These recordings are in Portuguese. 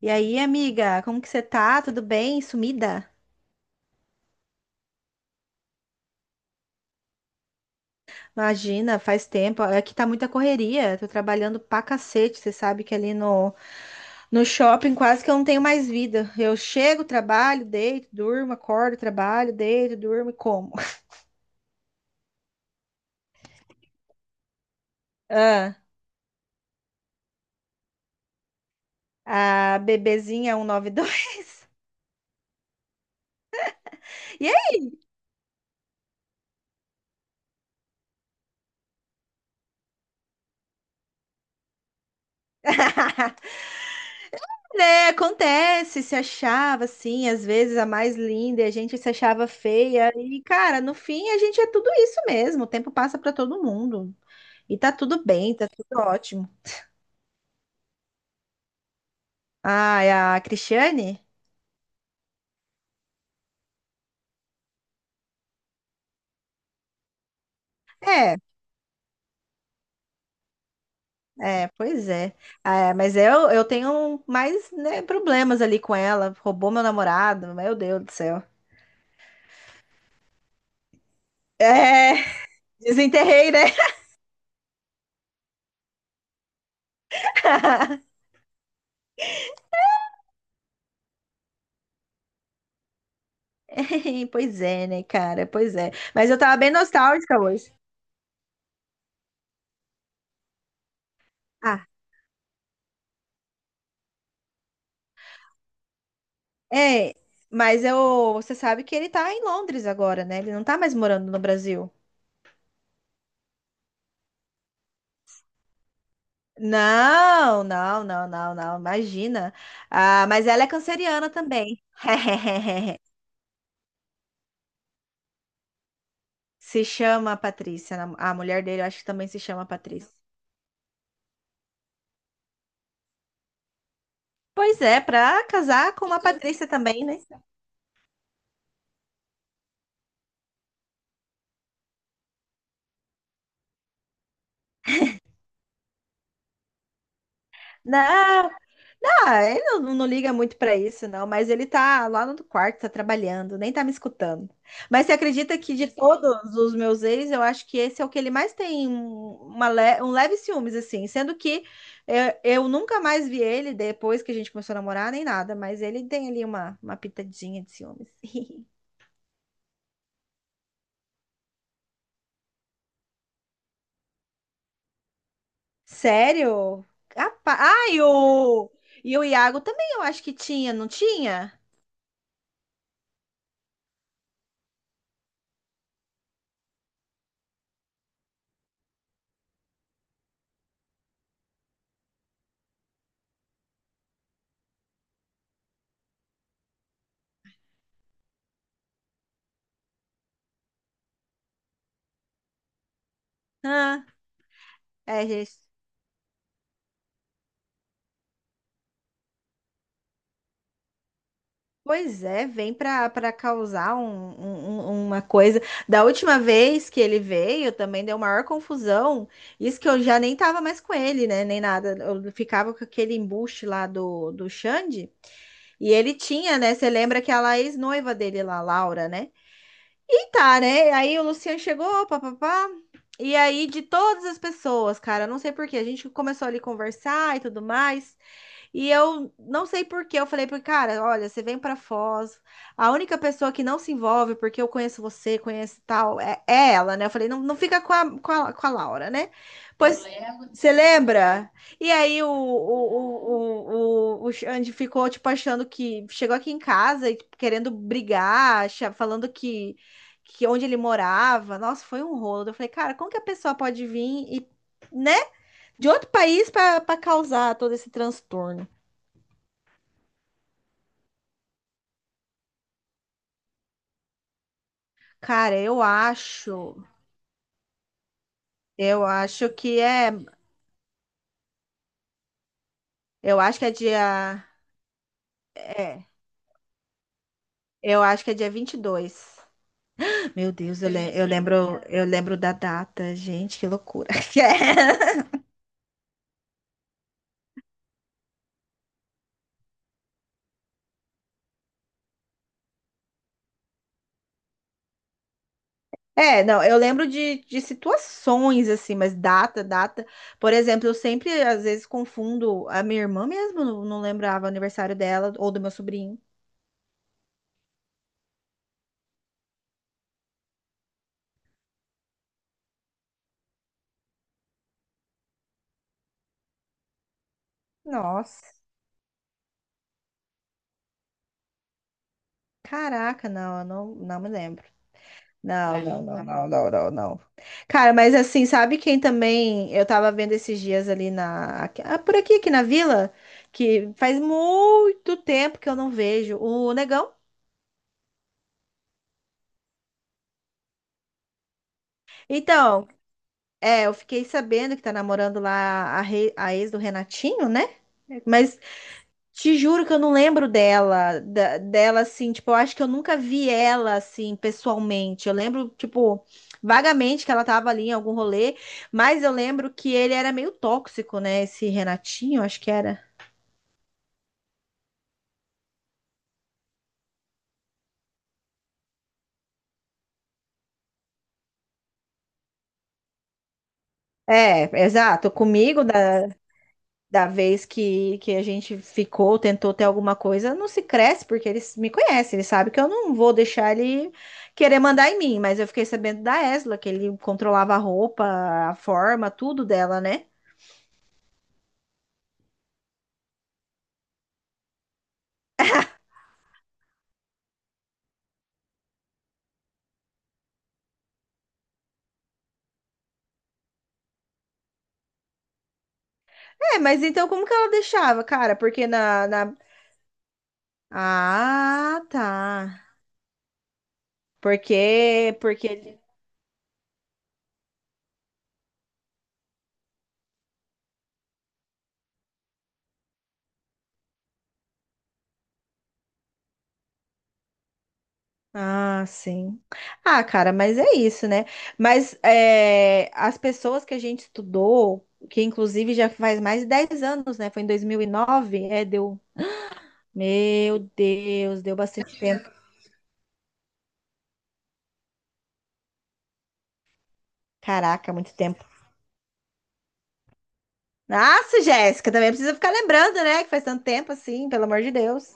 E aí, amiga, como que você tá? Tudo bem? Sumida? Imagina, faz tempo. Aqui tá muita correria. Tô trabalhando pra cacete. Você sabe que ali no shopping quase que eu não tenho mais vida. Eu chego, trabalho, deito, durmo, acordo, trabalho, deito, durmo e como. Ah, a bebezinha 192. E noventa e dois. E aí, né? Acontece, se achava assim, às vezes a mais linda, e a gente se achava feia. E, cara, no fim a gente é tudo isso mesmo. O tempo passa pra todo mundo. E tá tudo bem, tá tudo ótimo. Ah, é a Cristiane? É, é, pois é. Ah, é, mas eu tenho mais, né, problemas ali com ela. Roubou meu namorado, meu Deus do céu. É, desenterrei, né? Pois é, né, cara? Pois é. Mas eu tava bem nostálgica hoje. Ah, é. Mas eu, você sabe que ele tá em Londres agora, né? Ele não tá mais morando no Brasil. Não, não, não, não, não, imagina. Ah, mas ela é canceriana também. Se chama Patrícia, a mulher dele, eu acho que também se chama Patrícia. Pois é, pra casar com uma Patrícia também, né? Não. Ah, ele não, não liga muito pra isso, não, mas ele tá lá no quarto, tá trabalhando, nem tá me escutando. Mas você acredita que de todos os meus ex, eu acho que esse é o que ele mais tem um leve ciúmes, assim, sendo que é, eu, nunca mais vi ele depois que a gente começou a namorar, nem nada, mas ele tem ali uma pitadinha de ciúmes. Sério? Ah, e o Iago também eu acho que tinha, não tinha? Ah, é, gente. Pois é, vem para causar uma coisa. Da última vez que ele veio, também deu maior confusão. Isso que eu já nem tava mais com ele, né? Nem nada. Eu ficava com aquele embuste lá do Xande. E ele tinha, né? Você lembra que é a ex-noiva dele lá, Laura, né? E tá, né? Aí o Luciano chegou, papapá. E aí, de todas as pessoas, cara, não sei por quê, a gente começou ali a conversar e tudo mais. E eu não sei por quê, eu falei para cara, olha, você vem para Foz, a única pessoa que não se envolve, porque eu conheço você, conheço tal, é, é ela, né? Eu falei, não, não fica com a Laura, né? Eu pois, lembro. Você lembra? E aí o Xande ficou, tipo, achando que, chegou aqui em casa e tipo, querendo brigar, falando que onde ele morava, nossa, foi um rolo. Eu falei, cara, como que a pessoa pode vir e, né, de outro país para causar todo esse transtorno? Cara, eu acho que é, eu acho que é dia, é, eu acho que é dia 22. Meu Deus, eu lembro da data, gente, que loucura. É, não, eu lembro de situações assim, mas data, data. Por exemplo, eu sempre às vezes confundo a minha irmã mesmo, não, não lembrava o aniversário dela ou do meu sobrinho. Nossa, caraca, não, eu não, não me lembro. Não, não, não não, não, não, não, não. Cara, mas assim, sabe quem também eu tava vendo esses dias ali por aqui, aqui na vila, que faz muito tempo que eu não vejo o Negão. Então, é, eu fiquei sabendo que tá namorando lá a ex do Renatinho, né? Mas te juro que eu não lembro dela, dela assim, tipo, eu acho que eu nunca vi ela assim pessoalmente. Eu lembro, tipo, vagamente que ela tava ali em algum rolê, mas eu lembro que ele era meio tóxico, né? Esse Renatinho, acho que era. É, exato. Comigo, da, da vez que a gente ficou, tentou ter alguma coisa, não se cresce, porque eles me conhecem, eles sabem que eu não vou deixar ele querer mandar em mim, mas eu fiquei sabendo da Esla, que ele controlava a roupa, a forma, tudo dela, né? É, mas então como que ela deixava, cara? Porque na, na... Ah, tá. Porque, porque ele... Ah, sim. Ah, cara, mas é isso, né? Mas é, as pessoas que a gente estudou, que inclusive já faz mais de 10 anos, né? Foi em 2009. É, deu... Meu Deus, deu bastante tempo. Caraca, muito tempo. Nossa, Jéssica, também precisa ficar lembrando, né? Que faz tanto tempo assim, pelo amor de Deus.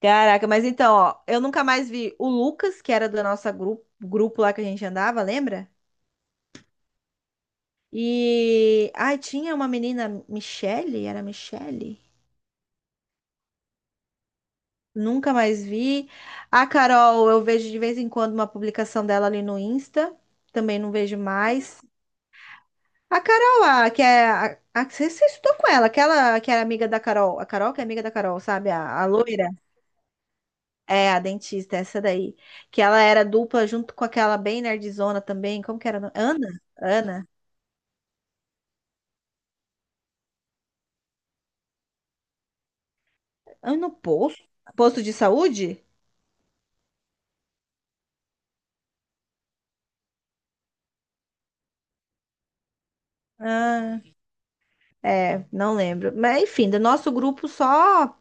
Caraca, mas então, ó, eu nunca mais vi o Lucas, que era do nosso grupo lá que a gente andava, lembra? E. Ai, tinha uma menina, Michele? Era Michele? Nunca mais vi. A Carol, eu vejo de vez em quando uma publicação dela ali no Insta, também não vejo mais. A Carol, a, que é. Você, você estudou com ela, aquela que era amiga da Carol, a Carol que é amiga da Carol, sabe? A loira. É, a dentista, essa daí. Que ela era dupla junto com aquela bem nerdzona também. Como que era? O nome? Ana? Ana? Ana Posto? Posto de saúde? Ah, é, não lembro. Mas enfim, do nosso grupo só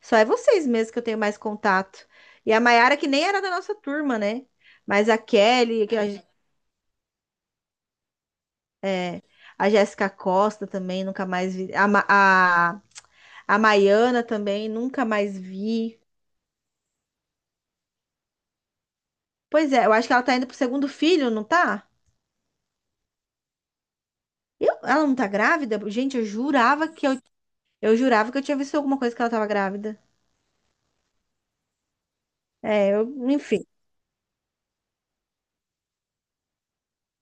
só é vocês mesmo que eu tenho mais contato. E a Maiara, que nem era da nossa turma, né? Mas a Kelly, que a, é, a Jéssica Costa também, nunca mais vi. A Maiana também, nunca mais vi. Pois é, eu acho que ela tá indo pro segundo filho, não tá? Eu, ela não tá grávida? Gente, eu jurava que eu tinha visto alguma coisa que ela tava grávida. É, eu, enfim.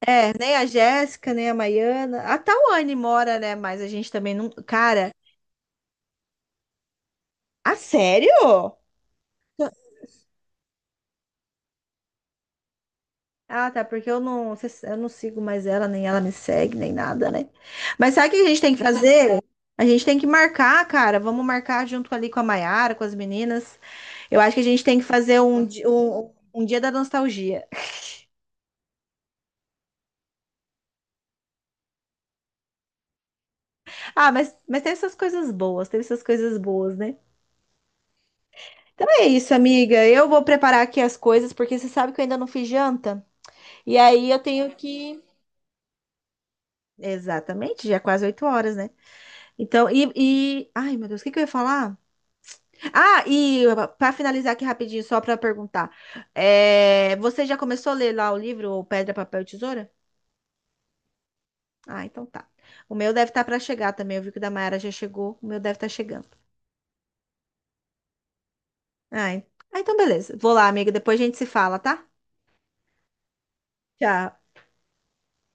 É, nem a Jéssica, nem a Maiana. A Tawane mora, né? Mas a gente também não. Cara, a sério? Ah, tá, porque eu não sigo mais ela, nem ela me segue, nem nada, né? Mas sabe o que a gente tem que fazer? A gente tem que marcar, cara. Vamos marcar junto ali com a Maiara, com as meninas. Eu acho que a gente tem que fazer um dia da nostalgia. Ah, mas teve essas coisas boas, teve essas coisas boas, né? Então é isso, amiga. Eu vou preparar aqui as coisas, porque você sabe que eu ainda não fiz janta. E aí eu tenho que. Exatamente, já é quase 8 horas, né? Então, ai, meu Deus, o que que eu ia falar? Ah, e para finalizar aqui rapidinho, só para perguntar. É, você já começou a ler lá o livro o Pedra, Papel e Tesoura? Ah, então tá. O meu deve estar para chegar também. Eu vi que o da Mayara já chegou. O meu deve estar chegando. Ai. Ah, então beleza. Vou lá, amiga. Depois a gente se fala, tá? Tchau.